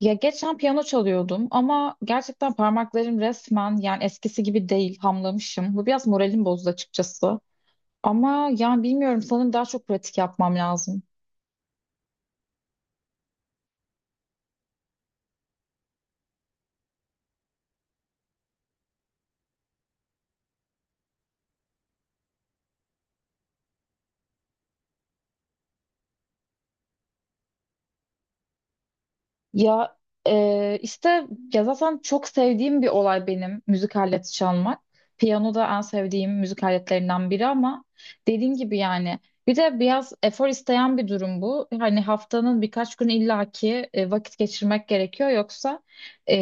Ya geçen piyano çalıyordum ama gerçekten parmaklarım resmen yani eskisi gibi değil hamlamışım. Bu biraz moralim bozdu açıkçası. Ama yani bilmiyorum sanırım daha çok pratik yapmam lazım. Ya işte ya zaten çok sevdiğim bir olay benim müzik aleti çalmak. Piyano da en sevdiğim müzik aletlerinden biri ama dediğim gibi yani bir de biraz efor isteyen bir durum bu. Hani haftanın birkaç gün illaki vakit geçirmek gerekiyor yoksa e,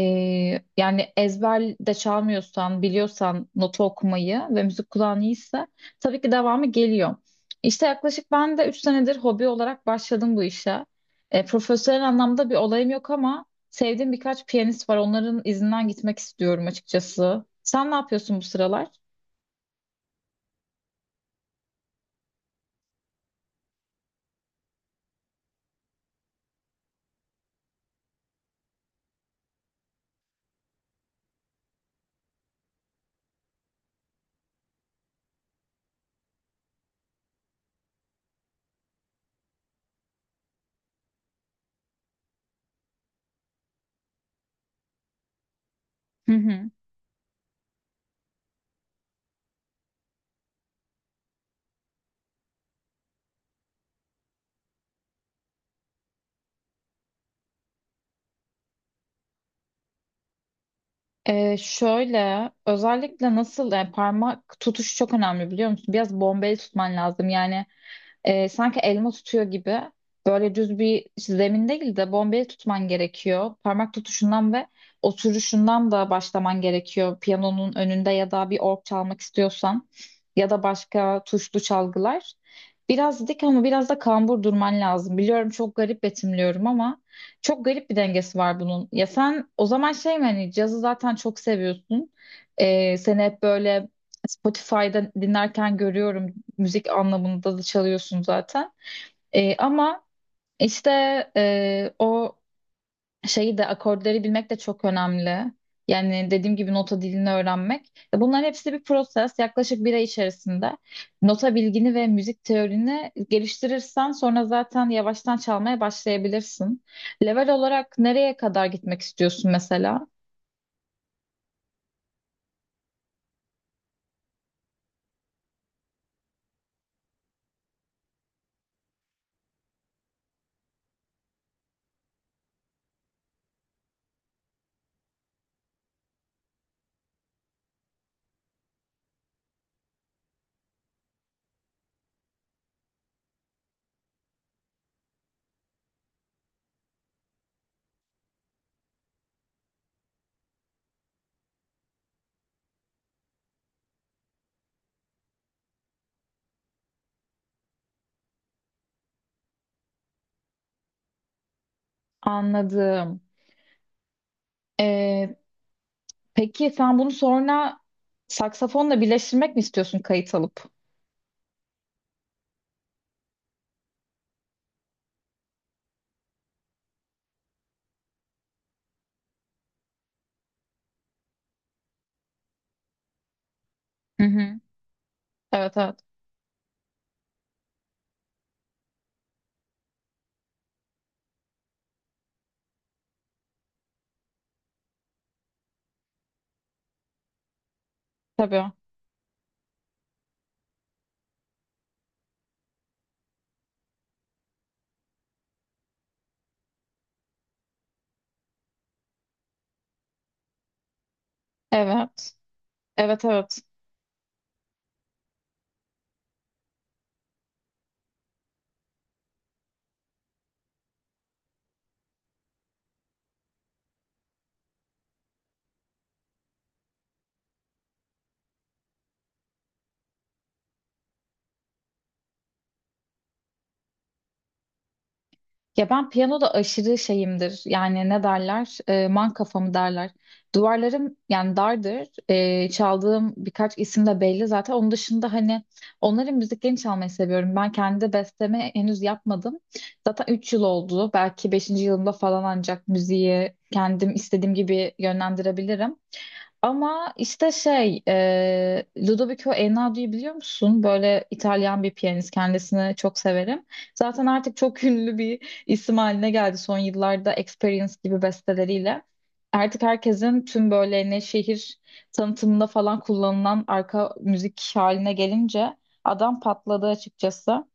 yani ezber de çalmıyorsan biliyorsan notu okumayı ve müzik kulağın iyiyse tabii ki devamı geliyor. İşte yaklaşık ben de 3 senedir hobi olarak başladım bu işe. Profesyonel anlamda bir olayım yok ama sevdiğim birkaç piyanist var. Onların izinden gitmek istiyorum açıkçası. Sen ne yapıyorsun bu sıralar? Hı hı. Şöyle özellikle nasıl yani parmak tutuşu çok önemli biliyor musun? Biraz bombeli tutman lazım yani sanki elma tutuyor gibi böyle düz bir zemin değil de bombeli tutman gerekiyor. Parmak tutuşundan ve oturuşundan da başlaman gerekiyor. Piyanonun önünde ya da bir org çalmak istiyorsan ya da başka tuşlu çalgılar. Biraz dik ama biraz da kambur durman lazım. Biliyorum çok garip betimliyorum ama çok garip bir dengesi var bunun. Ya sen o zaman şey mi hani cazı zaten çok seviyorsun. Seni hep böyle Spotify'da dinlerken görüyorum müzik anlamında da çalıyorsun zaten. Ama işte o şeyi de akorları bilmek de çok önemli. Yani dediğim gibi nota dilini öğrenmek. Bunların hepsi bir proses. Yaklaşık bir ay içerisinde nota bilgini ve müzik teorini geliştirirsen sonra zaten yavaştan çalmaya başlayabilirsin. Level olarak nereye kadar gitmek istiyorsun mesela? Anladım. Ee, Peki sen bunu sonra saksafonla birleştirmek mi istiyorsun kayıt alıp? Hı hı. Evet evet. Tabii. Evet. Evet evet. Ya ben piyanoda aşırı şeyimdir. Yani ne derler? Man kafamı derler. Duvarlarım yani dardır. Çaldığım birkaç isim de belli zaten. Onun dışında hani onların müziklerini çalmayı seviyorum. Ben kendi besteme henüz yapmadım. Zaten 3 yıl oldu. Belki beşinci yılımda falan ancak müziği kendim istediğim gibi yönlendirebilirim. Ama işte Ludovico Einaudio'yu biliyor musun? Böyle İtalyan bir piyanist, kendisini çok severim. Zaten artık çok ünlü bir isim haline geldi son yıllarda Experience gibi besteleriyle. Artık herkesin tüm böyle ne şehir tanıtımında falan kullanılan arka müzik haline gelince adam patladı açıkçası.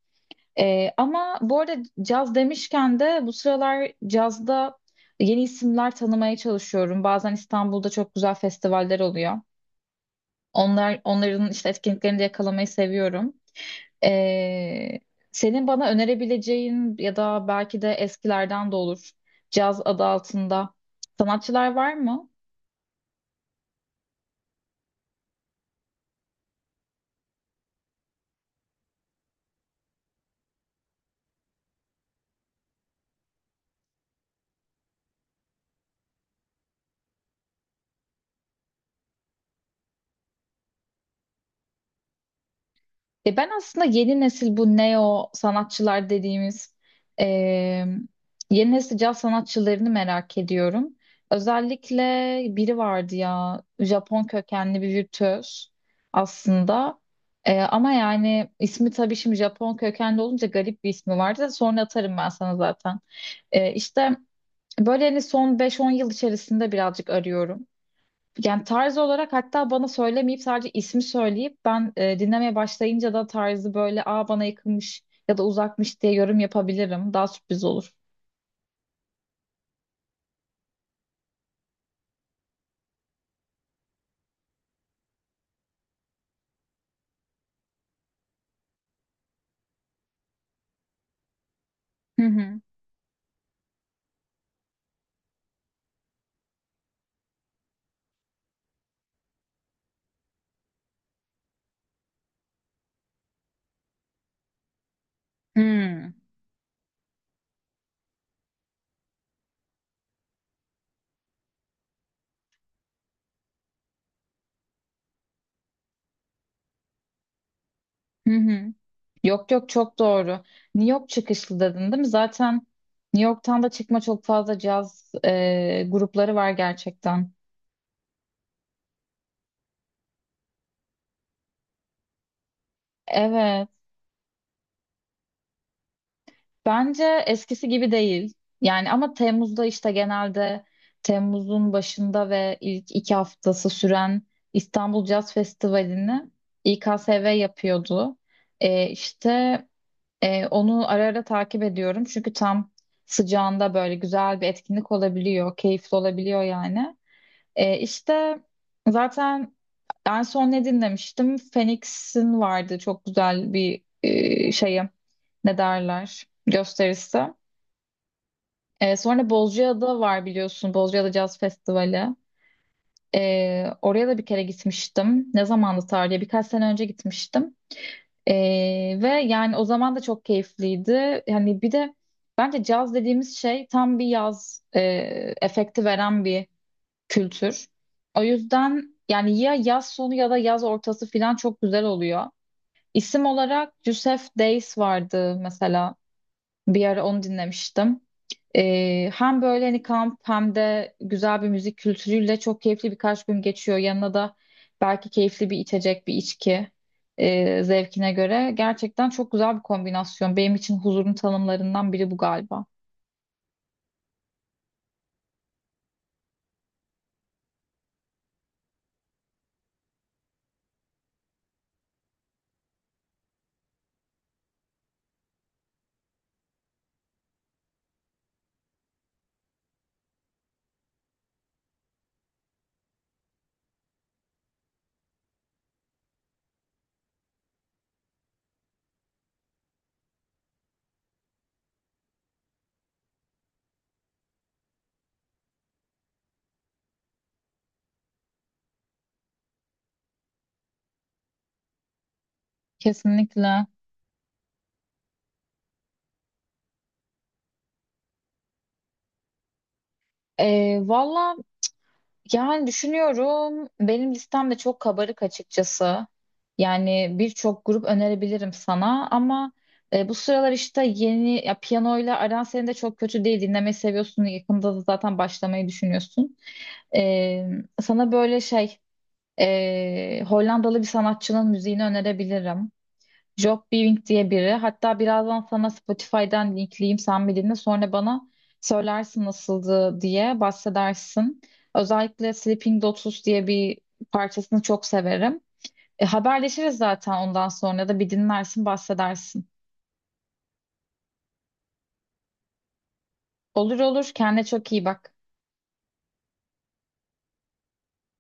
Ama bu arada caz demişken de bu sıralar cazda yeni isimler tanımaya çalışıyorum. Bazen İstanbul'da çok güzel festivaller oluyor. Onlar onların işte etkinliklerini de yakalamayı seviyorum. Ee, senin bana önerebileceğin ya da belki de eskilerden de olur caz adı altında sanatçılar var mı? E ben aslında yeni nesil bu neo sanatçılar dediğimiz e, yeni nesil caz sanatçılarını merak ediyorum. Özellikle biri vardı ya Japon kökenli bir virtüöz aslında. Ama yani ismi tabii şimdi Japon kökenli olunca garip bir ismi vardı, da sonra atarım ben sana zaten. E, işte böyle hani son beş-on yıl içerisinde birazcık arıyorum. Yani tarz olarak hatta bana söylemeyip sadece ismi söyleyip ben dinlemeye başlayınca da tarzı böyle aa bana yakınmış ya da uzakmış diye yorum yapabilirim. Daha sürpriz olur. Hı hı. Hmm. Hı hı. Yok yok çok doğru. New York çıkışlı dedin değil mi? Zaten New York'tan da çıkma çok fazla caz grupları var gerçekten. Evet. Bence eskisi gibi değil. Yani ama Temmuz'da işte genelde Temmuz'un başında ve ilk 2 haftası süren İstanbul Jazz Festivali'ni İKSV yapıyordu. İşte onu ara ara takip ediyorum. Çünkü tam sıcağında böyle güzel bir etkinlik olabiliyor, keyifli olabiliyor yani. İşte zaten en son ne dinlemiştim? Phoenix'in vardı çok güzel bir şeyi ne derler gösterisi. Sonra Bozcaada var biliyorsun. Bozcaada Caz Festivali. Oraya da bir kere gitmiştim. Ne zamandı tarihe? Birkaç sene önce gitmiştim. Ve yani o zaman da çok keyifliydi. Yani bir de bence caz dediğimiz şey tam bir yaz efekti veren bir kültür. O yüzden yani ya yaz sonu ya da yaz ortası falan çok güzel oluyor. İsim olarak Yusef Days vardı mesela. Bir ara onu dinlemiştim. Hem böyle hani kamp hem de güzel bir müzik kültürüyle çok keyifli birkaç gün geçiyor. Yanına da belki keyifli bir içecek, bir içki zevkine göre. Gerçekten çok güzel bir kombinasyon. Benim için huzurun tanımlarından biri bu galiba. Kesinlikle. Valla, yani düşünüyorum benim listem de çok kabarık açıkçası. Yani birçok grup önerebilirim sana ama bu sıralar işte yeni ya piyanoyla aran senin de çok kötü değil. Dinlemeyi seviyorsun. Yakında da zaten başlamayı düşünüyorsun. E, sana böyle Hollandalı bir sanatçının müziğini önerebilirim. Job Bing diye biri. Hatta birazdan sana Spotify'dan linkleyeyim sen bir dinle. Sonra bana söylersin nasıldı diye bahsedersin. Özellikle Sleeping Dogs diye bir parçasını çok severim. Haberleşiriz zaten ondan sonra da bir dinlersin bahsedersin. Olur olur kendine çok iyi bak.